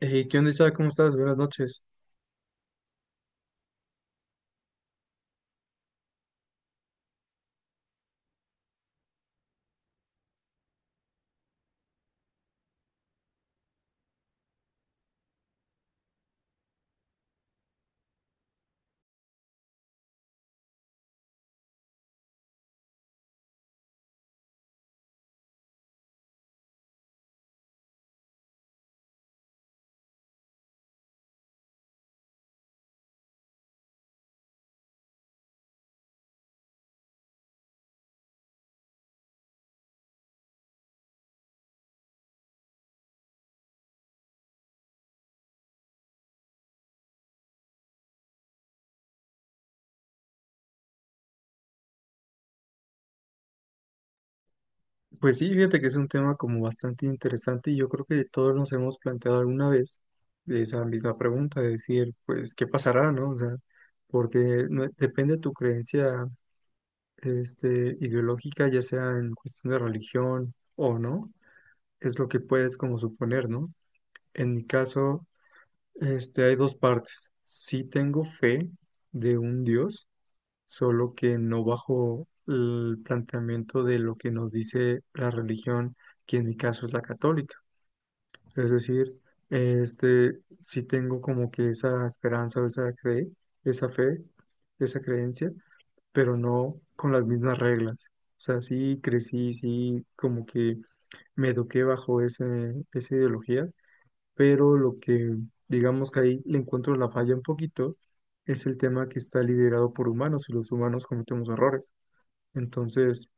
Hey, ¿qué onda, Isaac? ¿Cómo estás? Buenas noches. Pues sí, fíjate que es un tema como bastante interesante y yo creo que todos nos hemos planteado alguna vez esa misma pregunta, de decir, pues, ¿qué pasará, no? O sea, porque depende de tu creencia, ideológica, ya sea en cuestión de religión o no, es lo que puedes como suponer, ¿no? En mi caso, hay dos partes. Sí tengo fe de un Dios solo que no bajo el planteamiento de lo que nos dice la religión, que en mi caso es la católica. Es decir, sí tengo como que esa esperanza o esa fe, esa creencia, pero no con las mismas reglas. O sea, sí crecí, sí como que me eduqué bajo esa ideología, pero lo que digamos que ahí le encuentro la falla un poquito es el tema que está liderado por humanos y los humanos cometemos errores. Entonces,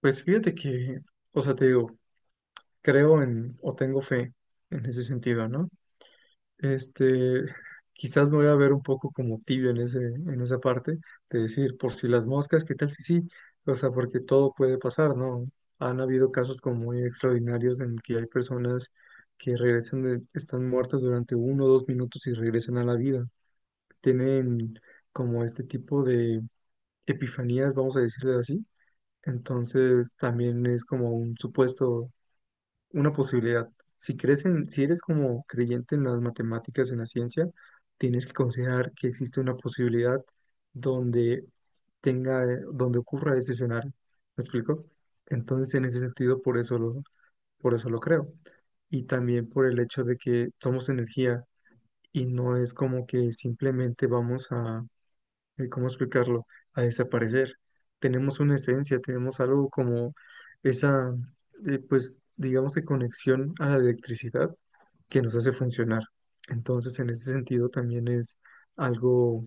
pues fíjate que, o sea, te digo, creo en o tengo fe en ese sentido, ¿no? Este, quizás me voy a ver un poco como tibio en en esa parte, de decir, por si las moscas, ¿qué tal si sí? O sea, porque todo puede pasar, ¿no? Han habido casos como muy extraordinarios en que hay personas que regresan, están muertas durante uno o dos minutos y regresan a la vida. Tienen como este tipo de epifanías, vamos a decirle así. Entonces también es como un supuesto, una posibilidad. Si crees en, si eres como creyente en las matemáticas, en la ciencia, tienes que considerar que existe una posibilidad donde donde ocurra ese escenario. ¿Me explico? Entonces, en ese sentido, por eso lo creo. Y también por el hecho de que somos energía y no es como que simplemente vamos a ¿cómo explicarlo? A desaparecer. Tenemos una esencia, tenemos algo como esa, pues, digamos que conexión a la electricidad que nos hace funcionar. Entonces, en ese sentido también es algo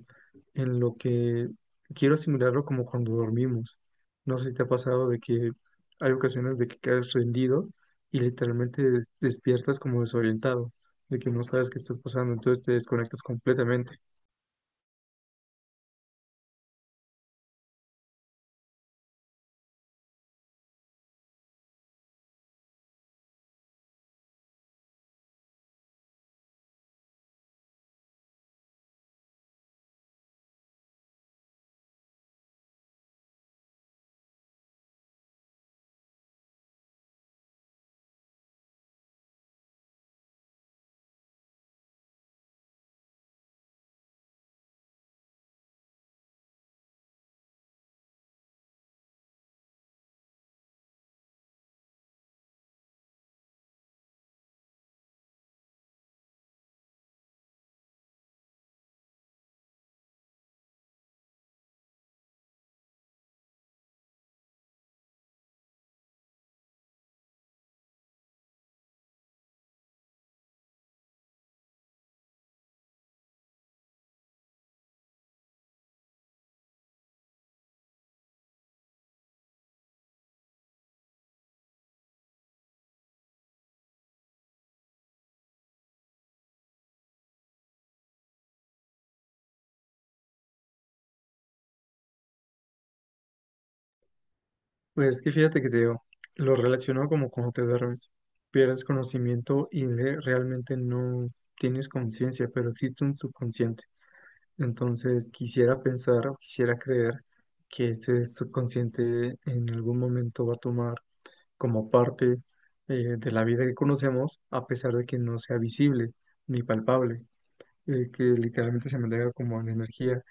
en lo que quiero asimilarlo como cuando dormimos. No sé si te ha pasado de que hay ocasiones de que quedas rendido y literalmente despiertas como desorientado, de que no sabes qué estás pasando, entonces te desconectas completamente. Pues es que fíjate que te digo, lo relaciono como cuando te duermes, pierdes conocimiento y realmente no tienes conciencia, pero existe un subconsciente. Entonces quisiera pensar o quisiera creer que ese subconsciente en algún momento va a tomar como parte, de la vida que conocemos, a pesar de que no sea visible ni palpable, que literalmente se mantenga como en energía,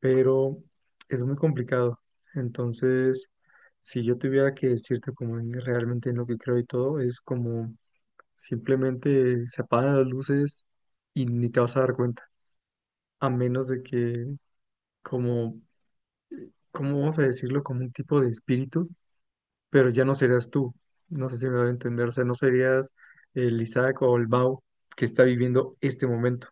pero es muy complicado. Entonces, si yo tuviera que decirte como realmente en lo que creo y todo, es como simplemente se apagan las luces y ni te vas a dar cuenta, a menos de que como, ¿cómo vamos a decirlo? Como un tipo de espíritu, pero ya no serías tú. No sé si me voy a entender, o sea, no serías el Isaac o el Mau que está viviendo este momento.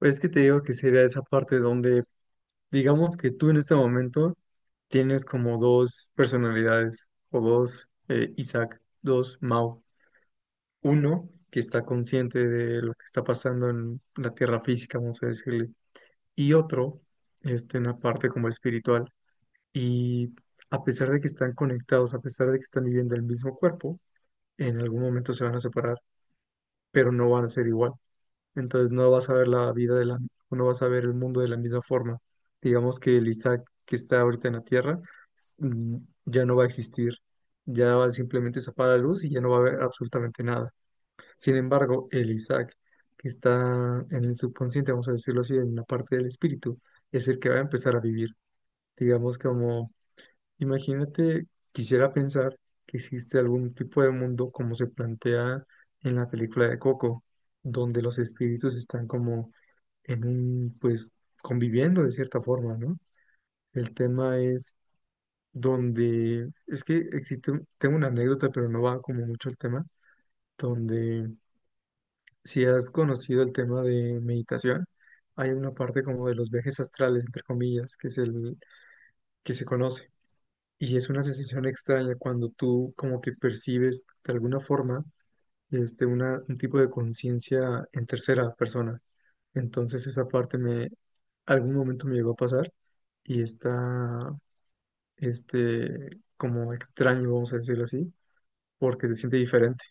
Es que te digo que sería esa parte donde. Digamos que tú en este momento tienes como dos personalidades o dos Isaac, dos Mao. Uno que está consciente de lo que está pasando en la tierra física, vamos a decirle, y otro en la parte como espiritual. Y a pesar de que están conectados, a pesar de que están viviendo el mismo cuerpo, en algún momento se van a separar, pero no van a ser igual, entonces no vas a ver la vida o no vas a ver el mundo de la misma forma. Digamos que el Isaac que está ahorita en la Tierra s- mm, ya no va a existir, ya va simplemente a apaga la luz y ya no va a haber absolutamente nada. Sin embargo, el Isaac que está en el subconsciente, vamos a decirlo así, en la parte del espíritu, es el que va a empezar a vivir. Digamos como, imagínate, quisiera pensar que existe algún tipo de mundo como se plantea en la película de Coco, donde los espíritus están como en un, pues, conviviendo de cierta forma, ¿no? El tema es donde, es que existe, tengo una anécdota, pero no va como mucho el tema, donde si has conocido el tema de meditación, hay una parte como de los viajes astrales, entre comillas, que es el que se conoce. Y es una sensación extraña cuando tú como que percibes de alguna forma un tipo de conciencia en tercera persona. Entonces esa parte me, algún momento me llegó a pasar y está, este, como extraño, vamos a decirlo así, porque se siente diferente.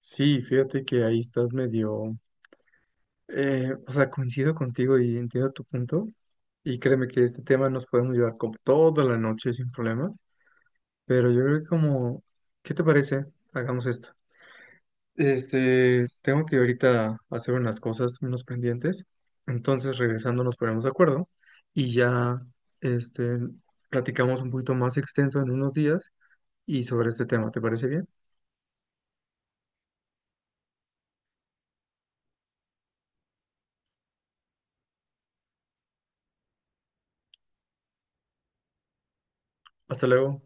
Sí, fíjate que ahí estás medio, o sea, coincido contigo y entiendo tu punto. Y créeme que este tema nos podemos llevar como toda la noche sin problemas, pero yo creo que como, ¿qué te parece? Hagamos esto. Tengo que ahorita hacer unas cosas, unos pendientes. Entonces, regresando, nos ponemos de acuerdo y ya, este, platicamos un poquito más extenso en unos días y sobre este tema. ¿Te parece bien? Hasta luego.